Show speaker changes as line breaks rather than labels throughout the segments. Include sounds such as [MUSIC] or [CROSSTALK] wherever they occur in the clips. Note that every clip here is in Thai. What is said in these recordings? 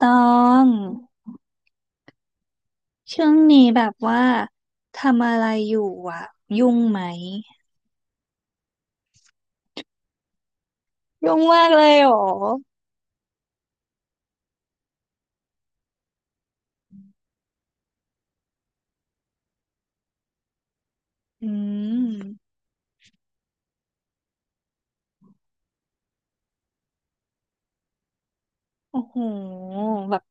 ตองช่วงนี้แบบว่าทำอะไรอยู่อ่ะยุ่งไหมยุ่งมากเลยเหรออืมโอ้โหแบบ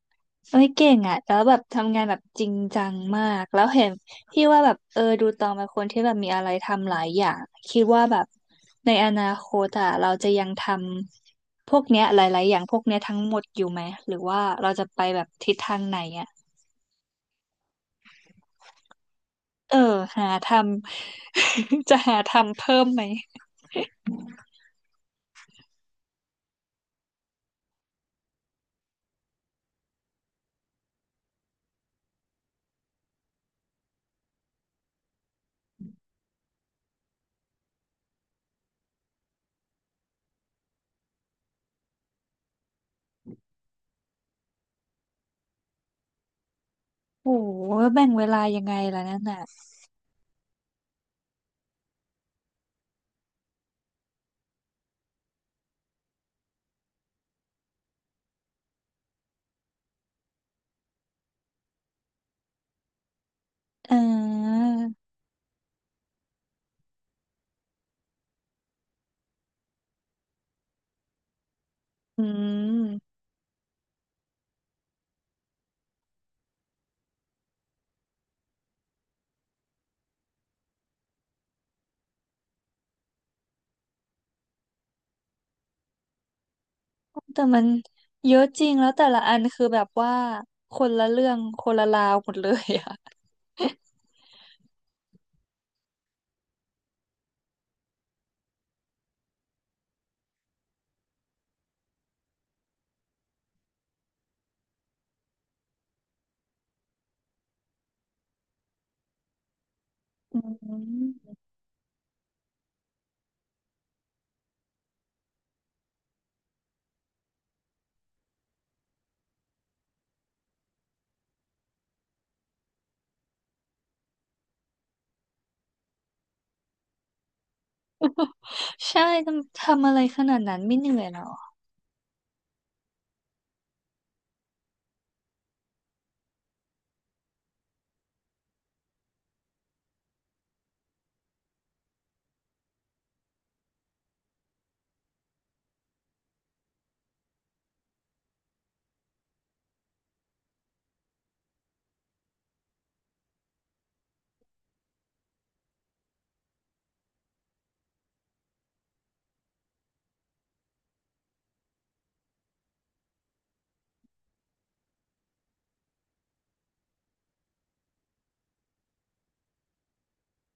เอ้ยเก่งอ่ะแล้วแบบทำงานแบบจริงจังมากแล้วเห็นพี่ว่าแบบดูตองเป็นคนที่แบบมีอะไรทำหลายอย่างคิดว่าแบบในอนาคตอ่ะเราจะยังทำพวกเนี้ยหลายๆอย่างพวกเนี้ยทั้งหมดอยู่ไหมหรือว่าเราจะไปแบบทิศทางไหนอ่ะ เออหาทำ [LAUGHS] จะหาทำเพิ่มไหมโอ้โหแบ่งเวลายังไงล่ะนั่นน่ะเอออืมแต่มันเยอะจริงแล้วแต่ละอันคือแบบว่าคนละเรื่องคนละราวหมดเลยอะ [LAUGHS] อืมใช่ทำอะไรขนาดนั้นไม่เหนื่อยหรอ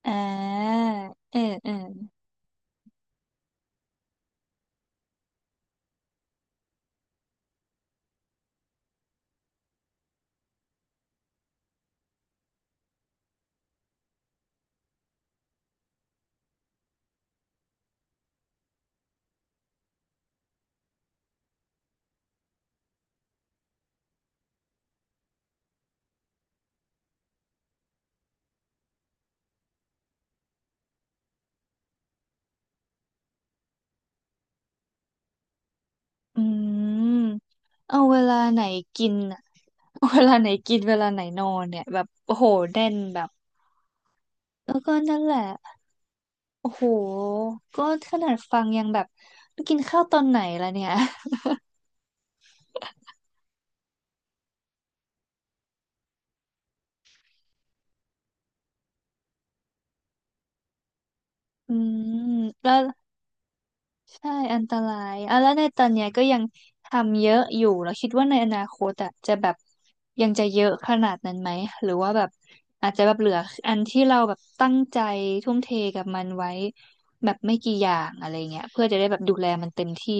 อ่าเออเอออืมเอาเวลาไหนกินอะเอาเวลาไหนกินเวลาไหนนอนเนี่ยแบบโอ้โหแน่นแบบแล้วก็นั่นแหละ โอ้โหก็ขนาดฟังยังแบบกินข้าวตอนไหนล่ะเนี่ยอืมแล้วใช่อันตรายอ่ะแล้วในตอนเนี้ยก็ยังทำเยอะอยู่แล้วคิดว่าในอนาคตอ่ะจะแบบยังจะเยอะขนาดนั้นไหมหรือว่าแบบอาจจะแบบเหลืออันที่เราแบบตั้งใจทุ่มเทกับมันไว้แบบไม่กี่อย่างอะไรเงี้ยเพื่อจะได้แบบดูแลมันเต็มที่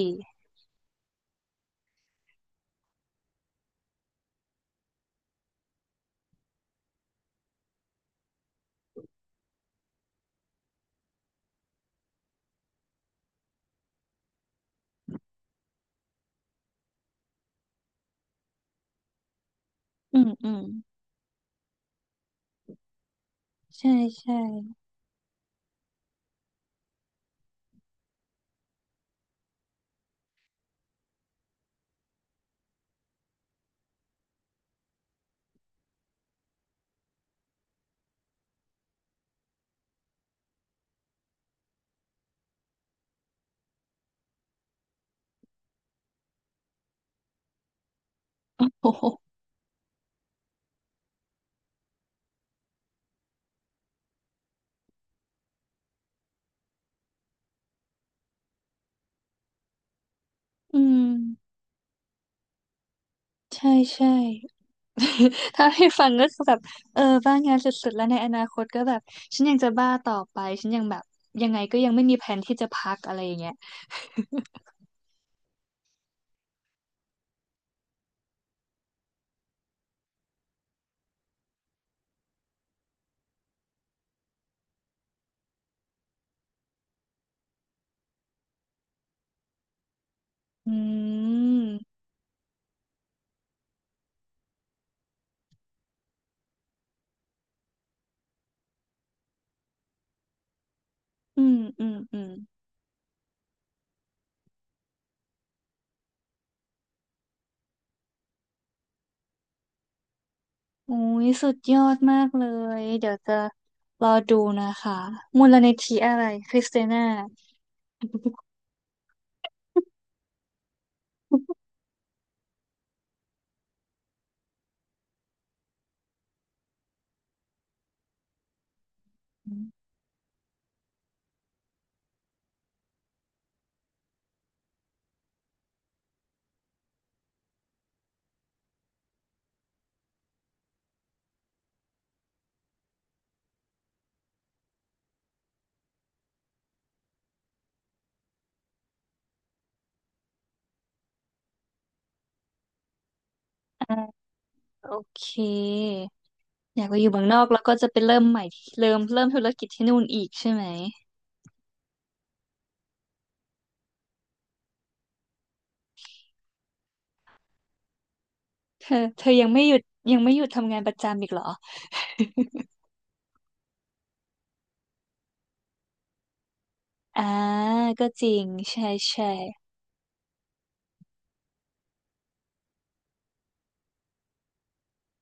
อืมอืมใช่ใช่โอ้โหอืมใช่ใช่ [LAUGHS] ถ้าให้ฟังก็คือแบบเออบ้างานสุดๆ แล้วในอนาคตก็แบบ ฉันยังจะบ้าต่อไป ฉันยังแบบ ยังไงก็ยังไม่มีแผนที่จะพักอะไรอย่างเงี้ยอืมอืมอืมอืมโอ้ยสุดยอดมากเลย เดี๋ยวจะรอดูนะคะมูลนิธิอะไรคริสเตียนา [LAUGHS] อ่าโอเคอยากไปอยู่เมืองนอกแล้วก็จะไปเริ่มใหม่ที่เริ่มธุรกิจที่นู่นอีกใช่ไหม เธอยังไม่หยุดยังไม่หยุดทำงานประจำอีกเหรอ [LAUGHS] อ่าก็จริงใช่ใช่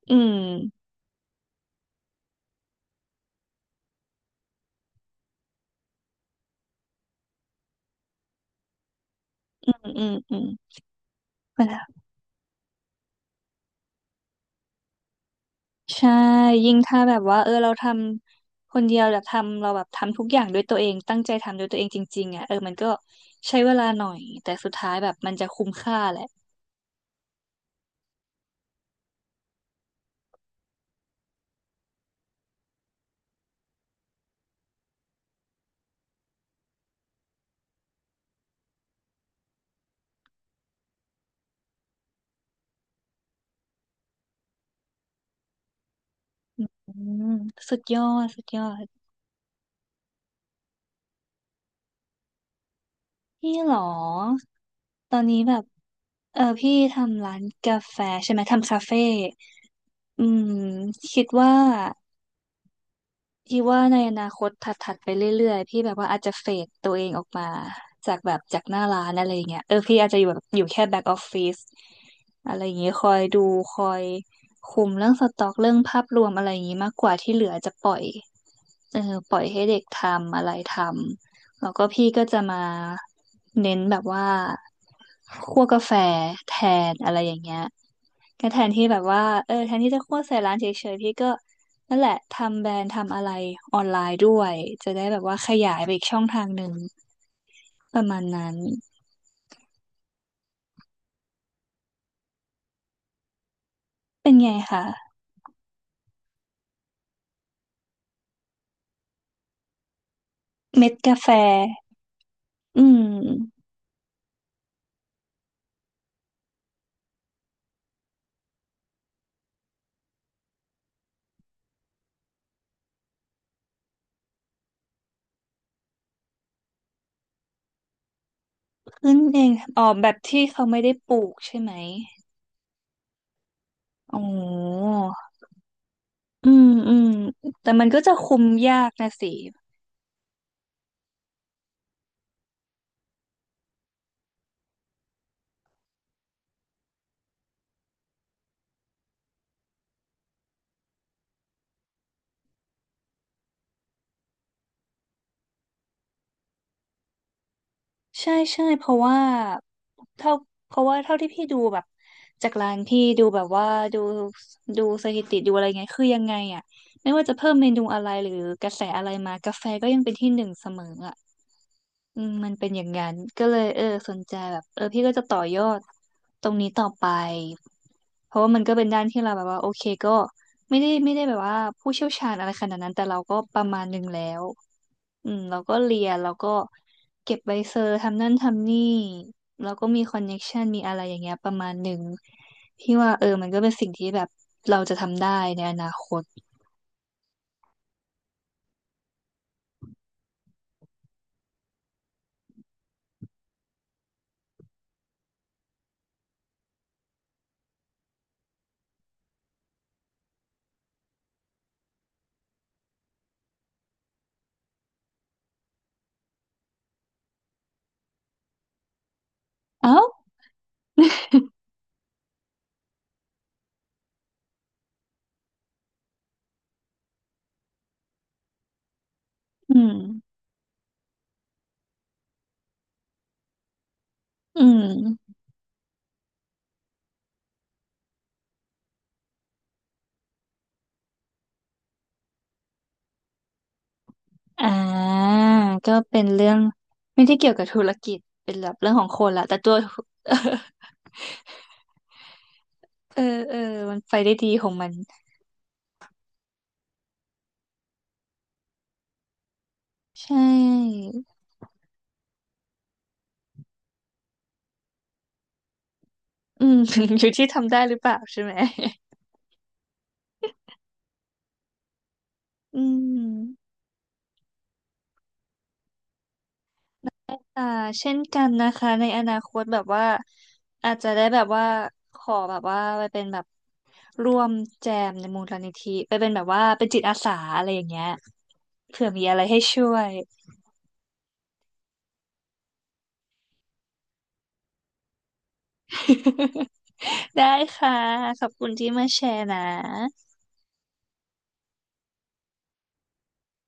อืม อืมอืมอืมมันใช่ ยิ่งถ้าแบบว่า เออเราทำคนเดียวแบบทำเราแบบทำทุกอย่างด้วยตัวเอง ตั้งใจทำด้วยตัวเองจริงๆอ่ะเออมันก็ใช้เวลาหน่อย แต่สุดท้ายแบบมันจะคุ้มค่าแหละอืมสุดยอดสุดยอดพี่เหรอ ตอนนี้แบบ เออ พี่ทำร้านกาแฟใช่ไหม ทำคาเฟ่อืม คิดว่า พี่ว่าในอนาคตถัดๆไปเรื่อยๆพี่แบบว่าอาจจะเฟดตัวเองออกมาจากแบบจากหน้าร้านอะไรอย่างเงี้ยเออพี่อาจจะอยู่แบบอยู่แค่แบ็กออฟฟิศอะไรอย่างงี้คอยดูคอยคุมเรื่องสต็อกเรื่องภาพรวมอะไรอย่างงี้มากกว่าที่เหลือจะปล่อยเออปล่อยให้เด็กทำอะไรทำแล้วก็พี่ก็จะมาเน้นแบบว่าคั่วกาแฟแทนอะไรอย่างเงี้ย ก็แทนที่แบบว่าเออแทนที่จะโฆษณาใส่ร้านเฉยๆพี่ก็นั่นแหละทำแบรนด์ทำอะไรออนไลน์ด้วยจะได้แบบว่าขยายไปอีกช่องทางหนึ่งประมาณนั้นเป็นไงคะเม็ดกาแฟอืมขึ้นเองอ๋อแบบที่เขาไม่ได้ปลูกใช่ไหมอ๋ออืมอืมแต่มันก็จะคุมยากนะสิ ใช่ใช่เพราะว่าเท่าเพราะว่าเท่าที่พี่ดูแบบจากร้านพี่ดูแบบว่าดูดูสถิติดูอะไรเงี้ยคือยังไงอ่ะไม่ว่าจะเพิ่มเมนูอะไรหรือกระแสอะไรมากาแฟก็ยังเป็นที่หนึ่งเสมออ่ะ อืมมันเป็นอย่างนั้นก็เลยเออสนใจแบบเออพี่ก็จะต่อยอดตรงนี้ต่อไปเพราะว่ามันก็เป็นด้านที่เราแบบว่าโอเคก็ไม่ได้แบบว่าผู้เชี่ยวชาญอะไรขนาดนั้นแต่เราก็ประมาณหนึ่งแล้วอืมเราก็เรียนเราก็เก็บใบเซอร์ทำนั่นทำนี่เราก็มีคอนเน็กชันมีอะไรอย่างเงี้ยประมาณหนึ่งพี่ว่าเออมันก็เป็นสิ่งที่แบบเราจะทำได้ในอนาคตเอ้าอืมอืม อ่าก็เป็นเรื่องไม่ได้เกี่ยวกับธุรกิจเป็นแบบเรื่องของคนละแต่ตัว [LAUGHS] เออเออมันไปได้ดีของมันใช่อืม [LAUGHS] อยู่ที่ทำได้หรือเปล่าใช่ไหม [LAUGHS] อืมอ่าเช่นกันนะคะในอนาคตแบบว่าอาจจะได้แบบว่าขอแบบว่าไปเป็นแบบร่วมแจมในมูลนิธิไปเป็นแบบว่าเป็นจิตอาสาอะไรอย่างเงี้ยเผื่อมีอะไรให้ช่วย [LAUGHS] ได้ค่ะ ขอบคุณที่มาแชร์นะ